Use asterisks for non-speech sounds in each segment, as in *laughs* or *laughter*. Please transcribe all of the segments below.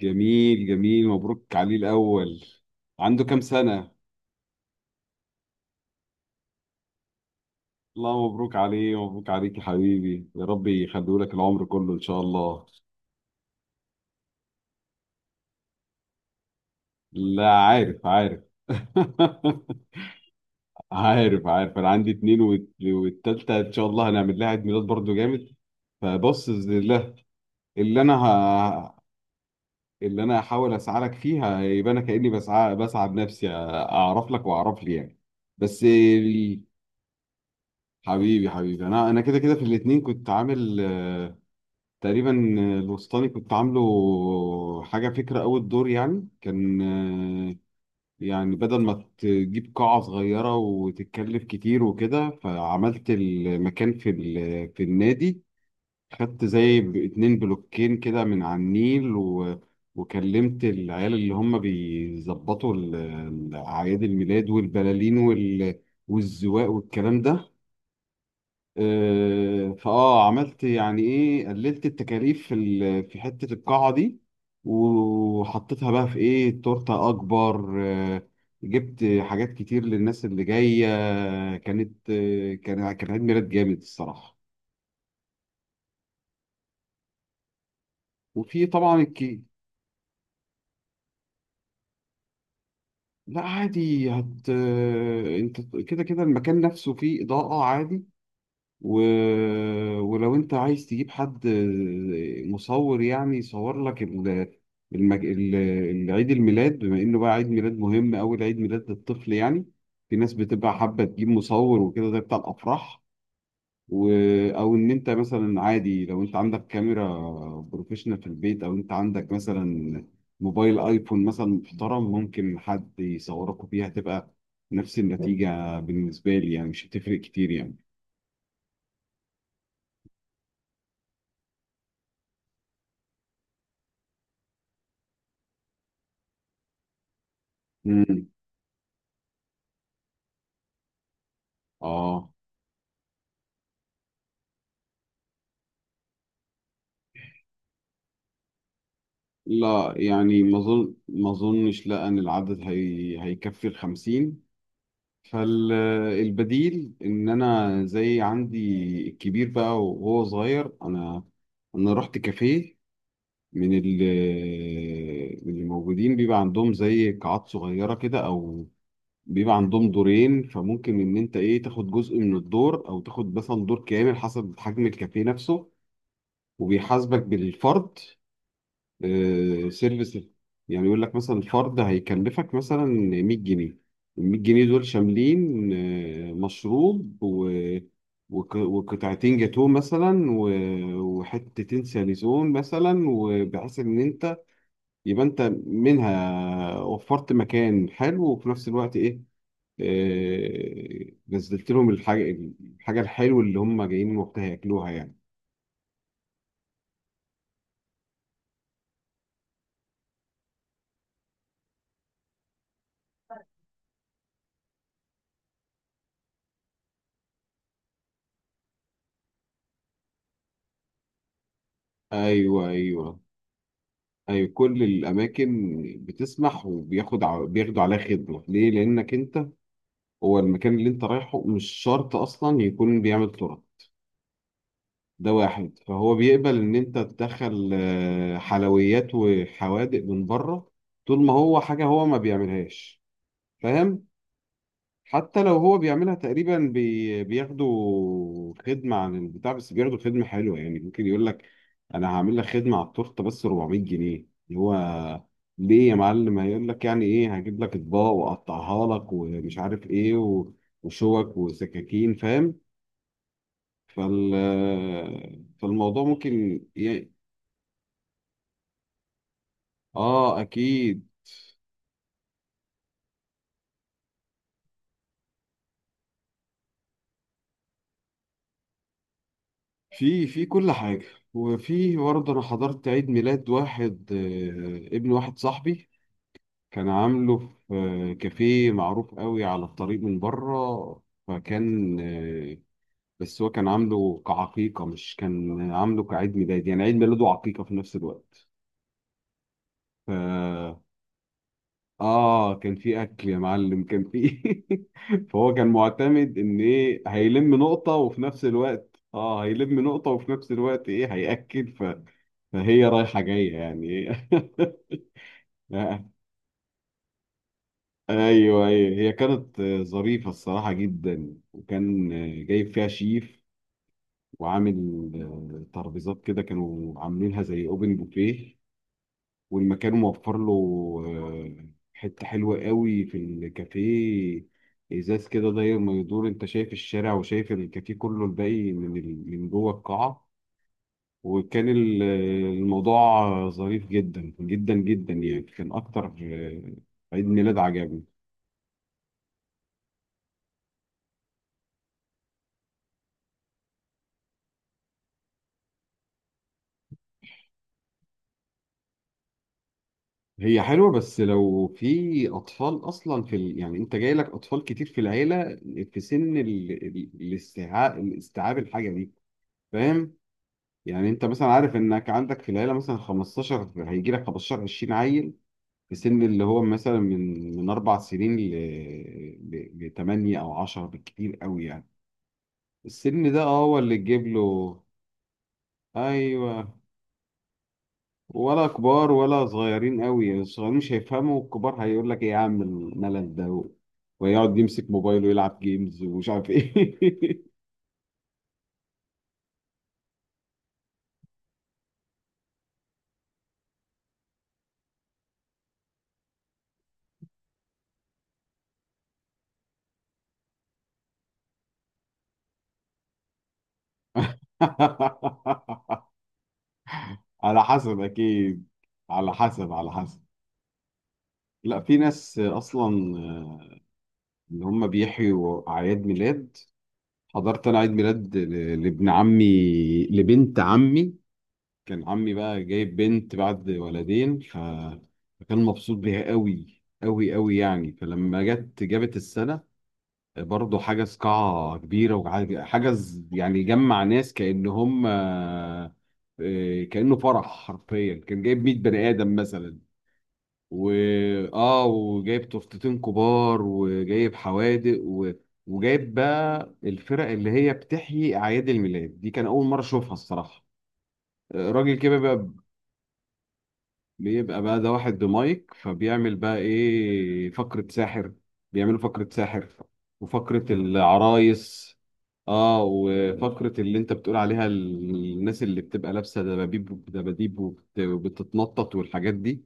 جميل جميل مبروك عليه الأول. عنده كام سنة؟ الله مبروك عليه، مبروك عليك يا حبيبي، يا رب يخليه لك العمر كله إن شاء الله. لا عارف. *laughs* عارف. أنا عندي اتنين والتالتة إن شاء الله هنعمل لها عيد ميلاد برضه جامد. فبص بإذن الله. اللي أنا ه... اللي أنا هحاول أسعى لك فيها، يبقى أنا كأني بسعى بنفسي أعرف لك وأعرف لي يعني. بس. حبيبي حبيبي، انا كده في الاتنين كنت عامل تقريبا. الوسطاني كنت عامله حاجه فكره، اول دور يعني كان، يعني بدل ما تجيب قاعه صغيره وتتكلف كتير وكده، فعملت المكان في النادي. خدت زي 2 بلوكين كده من على النيل، و وكلمت العيال اللي هم بيظبطوا اعياد الميلاد والبلالين والزواق والكلام ده. آه، فاه عملت يعني ايه، قللت التكاليف في حته القاعه دي، وحطيتها بقى في ايه، تورته اكبر. جبت حاجات كتير للناس اللي جايه. كانت كان عيد ميلاد جامد الصراحه. وفي طبعا الكيك. لا عادي هت آه، انت كده المكان نفسه فيه اضاءه عادي. و... ولو انت عايز تجيب حد مصور يعني يصور لك المج... ال- العيد الميلاد، بما انه بقى عيد ميلاد مهم، اول عيد ميلاد للطفل يعني، في ناس بتبقى حابة تجيب مصور وكده، ده بتاع الافراح. و... او ان انت مثلا عادي لو انت عندك كاميرا بروفيشنال في البيت، او انت عندك مثلا موبايل ايفون مثلا محترم، ممكن حد يصوركوا بيها، تبقى نفس النتيجة بالنسبة لي يعني، مش هتفرق كتير يعني. مم. اه. لا يعني ما اظنش لا، ان العدد هيكفي الخمسين. فالبديل ان انا زي عندي الكبير بقى وهو صغير، انا رحت كافيه. من ال من الموجودين بيبقى عندهم زي قاعات صغيره كده، او بيبقى عندهم دورين، فممكن ان انت ايه، تاخد جزء من الدور او تاخد مثلا دور كامل حسب حجم الكافيه نفسه. وبيحاسبك بالفرد سيرفيس. يعني يقول لك مثلا الفرد هيكلفك مثلا 100 جنيه. ال 100 جنيه دول شاملين مشروب، و... وقطعتين جاتوه مثلا، و... وحتتين ساليزون مثلا، وبحيث ان انت يبقى انت منها وفرت مكان حلو، وفي نفس الوقت ايه، نزلت لهم الحاجة، الحاجة الحلوة اللي هم جايين وقتها ياكلوها يعني. ايوه ايوه. أي كل الأماكن بتسمح، بياخدوا عليها خدمة. ليه؟ لأنك أنت، هو المكان اللي أنت رايحه مش شرط أصلا يكون بيعمل تراب. ده واحد. فهو بيقبل إن أنت تدخل حلويات وحوادق من بره. طول ما هو حاجة هو ما بيعملهاش. فاهم؟ حتى لو هو بيعملها تقريبا بياخدوا خدمة عن البتاع، بس بياخدوا خدمة حلوة يعني. ممكن يقول لك أنا هعمل لك خدمة على التورتة بس 400 جنيه، اللي هو ليه يا معلم؟ هيقول لك يعني إيه، هجيب لك أطباق وأقطعها لك، ومش عارف إيه، و... وشوك وسكاكين فاهم. فال... فالموضوع ممكن آه أكيد. في كل حاجة. وفي برضه أنا حضرت عيد ميلاد واحد، ابن واحد صاحبي. كان عامله في كافيه معروف قوي على الطريق من بره. فكان بس هو كان عامله كعقيقة، مش كان عامله كعيد ميلاد يعني، عيد ميلاده وعقيقة في نفس الوقت. ف آه كان في أكل يا معلم، كان في *laughs* فهو كان معتمد إن إيه، هيلم نقطة وفي نفس الوقت هيلم نقطة وفي نفس الوقت إيه هيأكل فهي رايحة جاية يعني. *laughs* إيه. ايوه ايوه. هي كانت ظريفه الصراحه جدا. وكان جايب فيها شيف، وعامل ترابيزات كده، كانوا عاملينها زي اوبن بوفيه. والمكان موفر له آه، حته حلوه قوي في الكافيه. ازاز كده داير ما يدور، انت شايف الشارع، وشايف الكافيه كله الباقي من جوه القاعه. وكان الموضوع ظريف جدا جدا جدا يعني. كان اكتر عيد ميلاد عجبني. هي حلوة بس لو في أطفال أصلا يعني أنت جاي لك أطفال كتير في العيلة، في سن الاستيعاب، الحاجة دي. فاهم؟ يعني أنت مثلا عارف إنك عندك في العيلة مثلا 15، هيجي لك 15 20 عيل في سن اللي هو مثلا من 4 سنين ل 8 أو 10 بالكتير قوي يعني. السن ده أه هو اللي تجيب له. أيوه. ولا كبار ولا صغيرين قوي يعني. الصغيرين مش هيفهموا، والكبار هيقول لك ايه يا عم، الملل ده، و- ويقعد يمسك موبايله ويلعب جيمز ومش عارف ايه. *laughs* على حسب اكيد، على حسب على حسب. لا في ناس اصلا اللي هم بيحيوا اعياد ميلاد. حضرت انا عيد ميلاد لابن عمي، لبنت عمي. كان عمي بقى جايب بنت بعد ولدين فكان مبسوط بيها قوي قوي قوي يعني. فلما جت جابت السنة، برضه حجز قاعة كبيرة، وحجز يعني جمع ناس كأن هم كأنه فرح حرفيا. كان جايب 100 بني آدم مثلا. و اه وجايب تورتتين كبار وجايب حوادق، و... وجايب بقى الفرق اللي هي بتحيي أعياد الميلاد دي. كان أول مرة أشوفها الصراحة. راجل كده بقى، بيبقى بقى ده واحد بمايك، فبيعمل بقى ايه فقرة ساحر. بيعملوا فقرة ساحر وفقرة العرايس. اه وفقرة اللي انت بتقول عليها الناس اللي بتبقى لابسة دباديب دباديب، وبتتنطط والحاجات دي.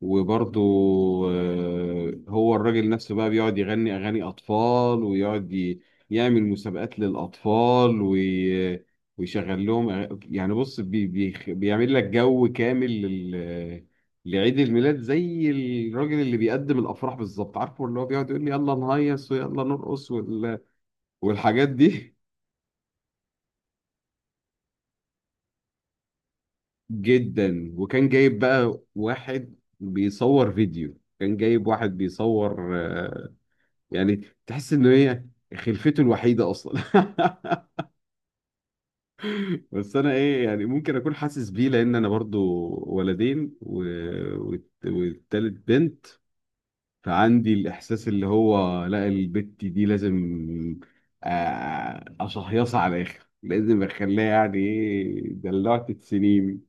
وبرضه هو الراجل نفسه بقى بيقعد يغني أغاني أطفال، ويقعد يعمل مسابقات للأطفال، ويشغل لهم يعني بص بي بيعمل لك جو كامل لعيد الميلاد، زي الراجل اللي بيقدم الأفراح بالظبط. عارفه اللي هو بيقعد يقول لي يلا نهيص ويلا نرقص والحاجات دي. *laughs* جدا. وكان جايب بقى واحد بيصور فيديو، كان جايب واحد بيصور يعني تحس ان هي خلفته الوحيده اصلا. *laughs* بس انا ايه يعني، ممكن اكون حاسس بيه لان انا برضو ولدين و... والتالت بنت. فعندي الاحساس اللي هو لا، البت دي لازم اشهيصها على الاخر، لازم اخليها يعني ايه دلعت سنين.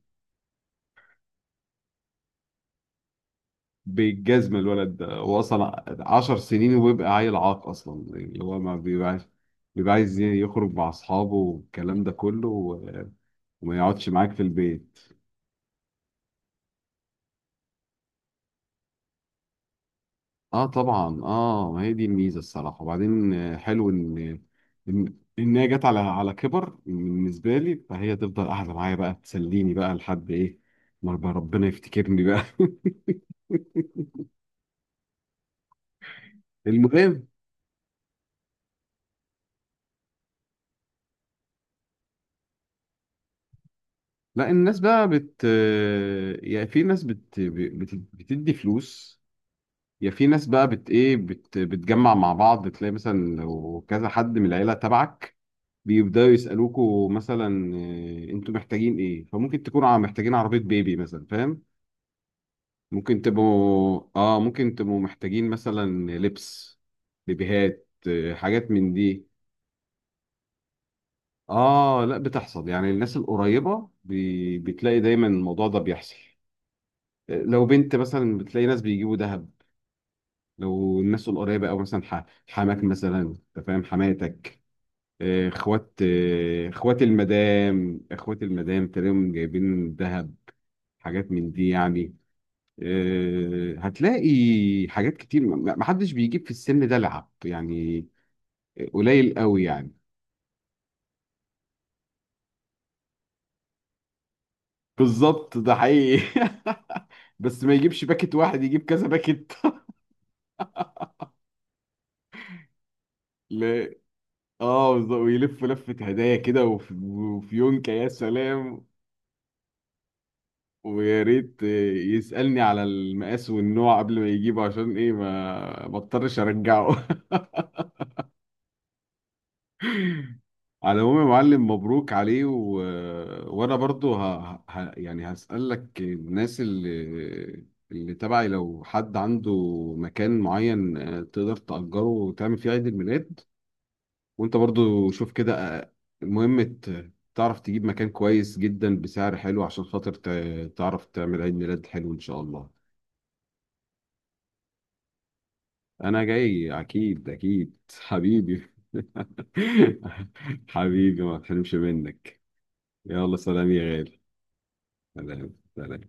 بالجزمة، الولد ده هو أصلا 10 سنين وبيبقى عيل عاق أصلا يعني، اللي هو ما بيبقاش، بيبقى عايز يخرج مع أصحابه والكلام ده كله، و- وما يقعدش معاك في البيت. اه طبعا، اه ما هي دي الميزه الصراحه. وبعدين حلو ان ان هي جت على على كبر بالنسبه لي، فهي تفضل قاعده معايا بقى تسليني بقى لحد ايه ما رب- ربنا يفتكرني بقى. *laughs* المهم. لا الناس بقى بت آه، يعني في ناس بتدي فلوس، يا في ناس بقى بت ايه بت بتجمع مع بعض. تلاقي مثلا لو كذا حد من العيله تبعك، بيبداوا يسالوكوا مثلا إيه، انتوا محتاجين ايه. فممكن تكونوا محتاجين عربيه بيبي مثلا، فاهم. ممكن تبقوا اه، ممكن تبقوا محتاجين مثلا لبس، بيبيهات إيه، حاجات من دي. اه لا بتحصل يعني، الناس القريبه بتلاقي دايما الموضوع ده بيحصل. إيه، لو بنت مثلا بتلاقي ناس بيجيبوا ذهب، لو الناس القريبه، او مثلا حماك مثلا، انت فاهم، حماتك اخوات المدام. اخوات المدام تلاقيهم جايبين ذهب، حاجات من دي يعني. هتلاقي حاجات كتير، ما حدش بيجيب في السن ده لعب يعني، قليل قوي يعني. بالظبط ده حقيقي. *laughs* بس ما يجيبش باكت واحد، يجيب كذا باكت. *laughs* لا اه بالظبط، ويلف لفة هدايا كده، وفي يونكا يا سلام. ويا ريت يسألني على المقاس والنوع قبل ما يجيبه عشان ايه، ما بضطرش ارجعه. *laughs* على العموم يا معلم، مبروك عليه. و... وانا برضو يعني هسألك، الناس اللي تبعي لو حد عنده مكان معين تقدر تأجره وتعمل فيه عيد الميلاد، وانت برضو شوف كده المهم تعرف تجيب مكان كويس جدا بسعر حلو، عشان خاطر تعرف تعمل عيد ميلاد حلو ان شاء الله. انا جاي اكيد اكيد حبيبي. *laughs* حبيبي ما تحرمش منك. يلا سلام يا غالي. سلام سلام.